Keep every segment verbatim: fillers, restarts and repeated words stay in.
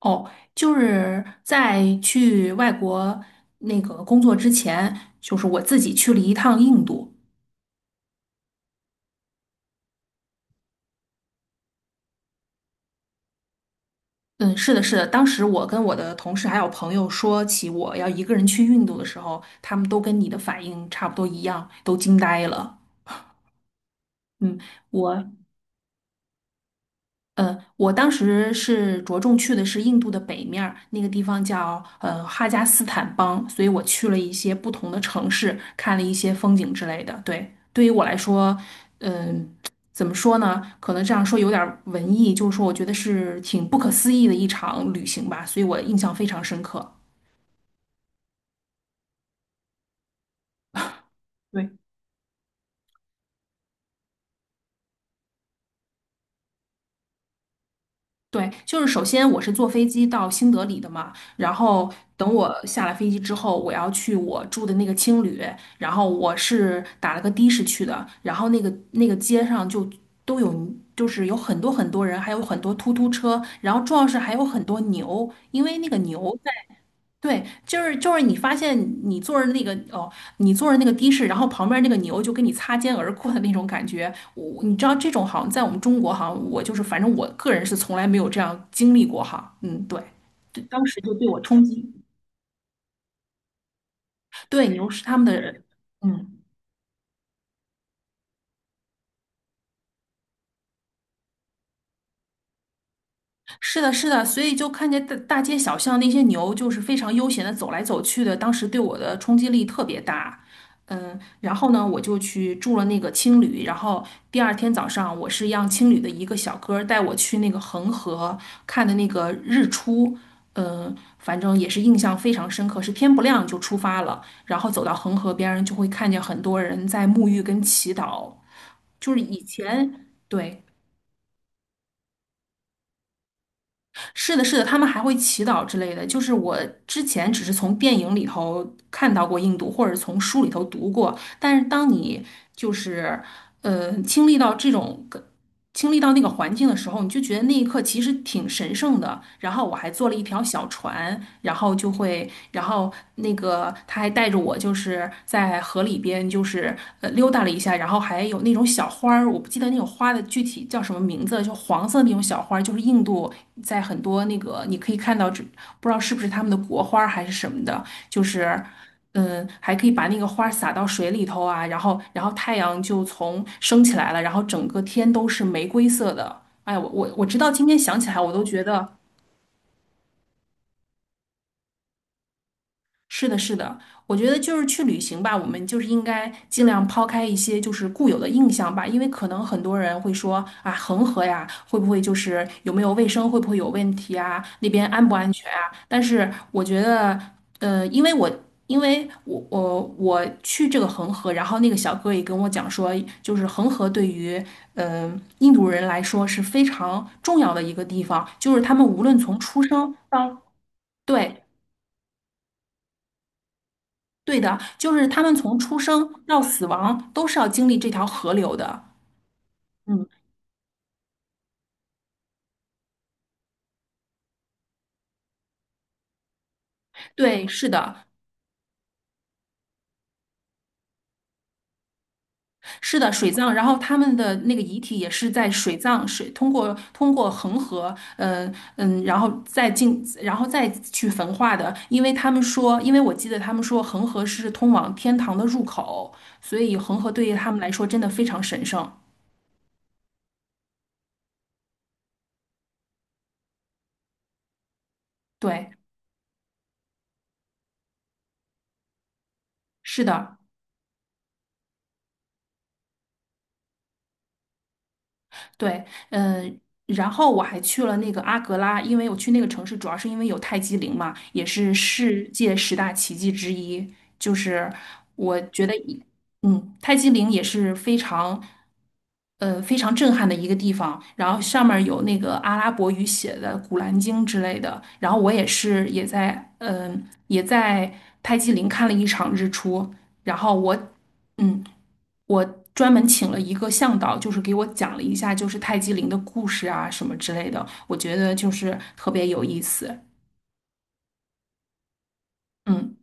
哦，就是在去外国那个工作之前，就是我自己去了一趟印度。嗯，是的，是的。当时我跟我的同事还有朋友说起我要一个人去印度的时候，他们都跟你的反应差不多一样，都惊呆了。嗯，我。呃，我当时是着重去的是印度的北面儿，那个地方叫呃哈加斯坦邦，所以我去了一些不同的城市，看了一些风景之类的。对，对于我来说，嗯、怎么说呢？可能这样说有点儿文艺，就是说我觉得是挺不可思议的一场旅行吧，所以我印象非常深刻。对。对，就是首先我是坐飞机到新德里的嘛，然后等我下了飞机之后，我要去我住的那个青旅，然后我是打了个的士去的，然后那个那个街上就都有，就是有很多很多人，还有很多突突车，然后主要是还有很多牛，因为那个牛在对，就是就是你发现你坐着那个哦，你坐着那个的士，然后旁边那个牛就跟你擦肩而过的那种感觉，我你知道这种好像在我们中国好像我就是反正我个人是从来没有这样经历过哈，嗯，对，对，当时就对我冲击，对，牛是他们的，嗯。是的，是的，所以就看见大大街小巷那些牛，就是非常悠闲的走来走去的，当时对我的冲击力特别大。嗯，然后呢，我就去住了那个青旅，然后第二天早上，我是让青旅的一个小哥儿带我去那个恒河看的那个日出。嗯，反正也是印象非常深刻，是天不亮就出发了，然后走到恒河边儿，就会看见很多人在沐浴跟祈祷，就是以前。对，是的，是的，他们还会祈祷之类的。就是我之前只是从电影里头看到过印度，或者从书里头读过，但是当你就是呃经历到这种经历到那个环境的时候，你就觉得那一刻其实挺神圣的。然后我还坐了一条小船，然后就会，然后那个他还带着我，就是在河里边，就是呃溜达了一下，然后还有那种小花儿，我不记得那种花的具体叫什么名字，就黄色那种小花儿就是印度在很多那个你可以看到，这不知道是不是他们的国花儿还是什么的，就是。嗯，还可以把那个花儿撒到水里头啊，然后然后太阳就从升起来了，然后整个天都是玫瑰色的。哎我我我直到今天想起来，我都觉得。是的，是的，我觉得就是去旅行吧，我们就是应该尽量抛开一些就是固有的印象吧，因为可能很多人会说啊，恒河呀，会不会就是有没有卫生，会不会有问题啊，那边安不安全啊？但是我觉得，呃，因为我因为我我我去这个恒河，然后那个小哥也跟我讲说，就是恒河对于嗯、呃印度人来说是非常重要的一个地方，就是他们无论从出生到对。对的，就是他们从出生到死亡都是要经历这条河流的。嗯，对，是的，是的，水葬，然后他们的那个遗体也是在水葬水通过通过恒河，嗯、嗯，然后再进，然后再去焚化的，因为他们说，因为我记得他们说恒河是通往天堂的入口，所以恒河对于他们来说真的非常神圣。对，是的。对，嗯，然后我还去了那个阿格拉，因为我去那个城市主要是因为有泰姬陵嘛，也是世界十大奇迹之一。就是我觉得一嗯，泰姬陵也是非常，呃，非常震撼的一个地方。然后上面儿有那个阿拉伯语写的《古兰经》之类的。然后我也是也在，嗯、也在泰姬陵看了一场日出。然后我，嗯。我专门请了一个向导，就是给我讲了一下就是泰姬陵的故事啊什么之类的，我觉得就是特别有意思。嗯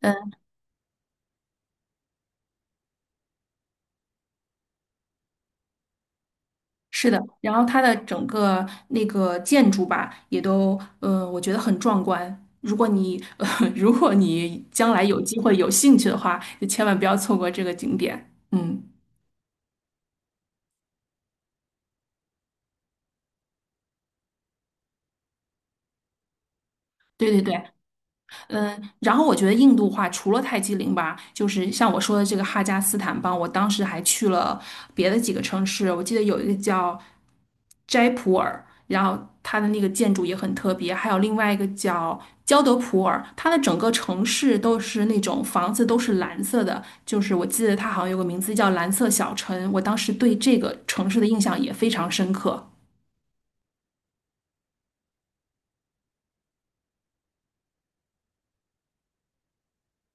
嗯，是的。然后它的整个那个建筑吧，也都呃，我觉得很壮观。如果你 呃，如果你将来有机会有兴趣的话，就千万不要错过这个景点。嗯，对对对。嗯，然后我觉得印度话除了泰姬陵吧，就是像我说的这个哈加斯坦邦，我当时还去了别的几个城市，我记得有一个叫斋普尔，然后它的那个建筑也很特别，还有另外一个叫焦德普尔，它的整个城市都是那种房子都是蓝色的，就是我记得它好像有个名字叫蓝色小城，我当时对这个城市的印象也非常深刻。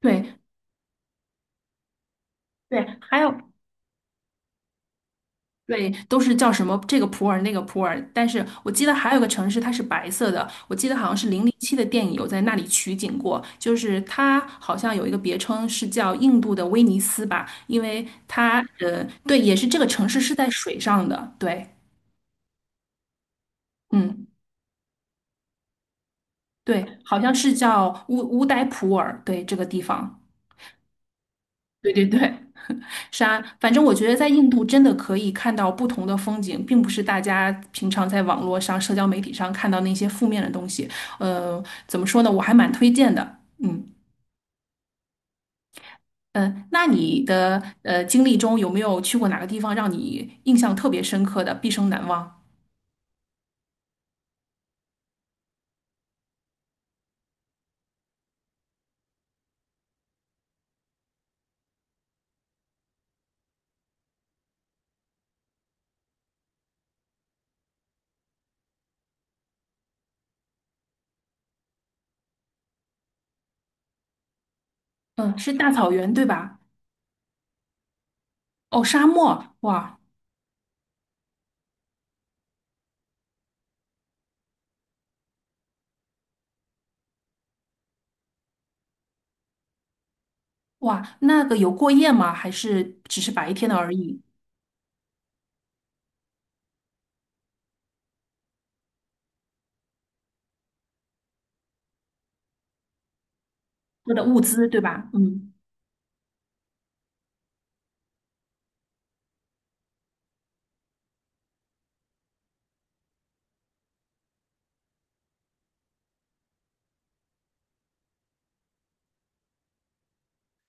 对对，还有。对，都是叫什么这个普洱那个普洱，但是我记得还有个城市它是白色的，我记得好像是《零零七》的电影有在那里取景过，就是它好像有一个别称是叫印度的威尼斯吧，因为它呃对，也是这个城市是在水上的，对，嗯，对，好像是叫乌乌代普洱，对这个地方，对对对。是啊，反正我觉得在印度真的可以看到不同的风景，并不是大家平常在网络上、社交媒体上看到那些负面的东西。呃，怎么说呢？我还蛮推荐的。嗯嗯，呃那你的呃经历中有没有去过哪个地方让你印象特别深刻的，毕生难忘？嗯，是大草原对吧？哦，沙漠，哇哇，那个有过夜吗？还是只是白天的而已？喝的物资对吧？嗯，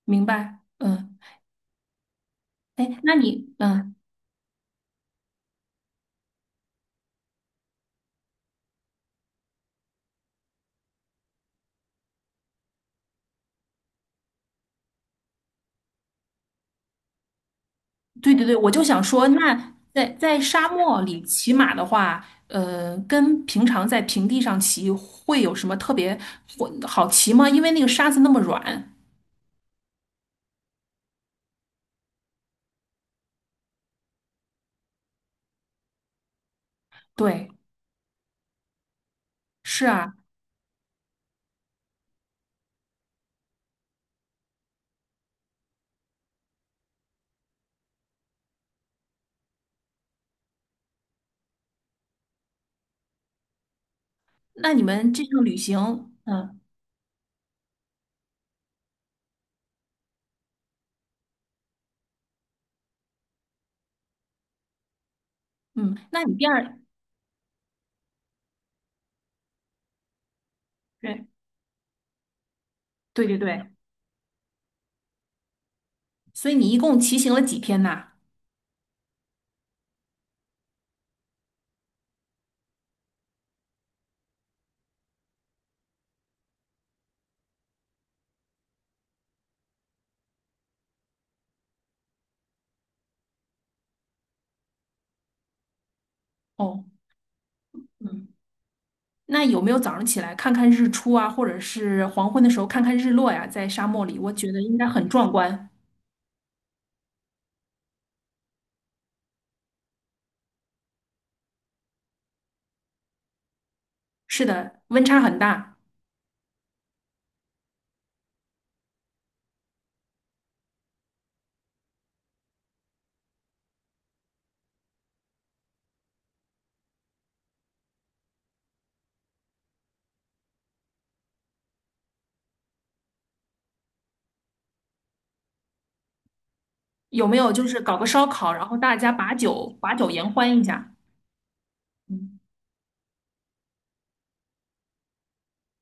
明白。嗯，哎，那你嗯。对对对，我就想说，那在在沙漠里骑马的话，呃，跟平常在平地上骑会有什么特别，会好骑吗？因为那个沙子那么软。对，是啊。那你们这趟旅行，嗯嗯，那你第二，对对对对，所以你一共骑行了几天呐？哦，嗯，那有没有早上起来看看日出啊，或者是黄昏的时候看看日落呀？在沙漠里，我觉得应该很壮观。是的，温差很大。有没有就是搞个烧烤，然后大家把酒把酒言欢一下，嗯，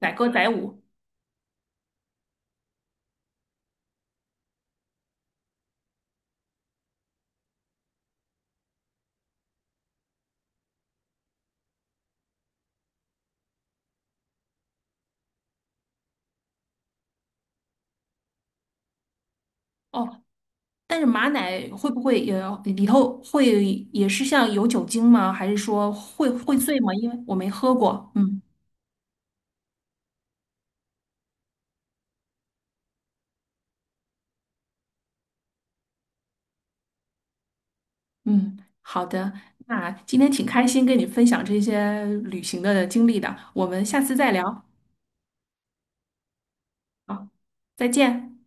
载歌载舞。哦，但是马奶会不会也里头会也是像有酒精吗？还是说会会醉吗？因为我没喝过。嗯嗯，好的，那今天挺开心跟你分享这些旅行的经历的，我们下次再聊。好，再见。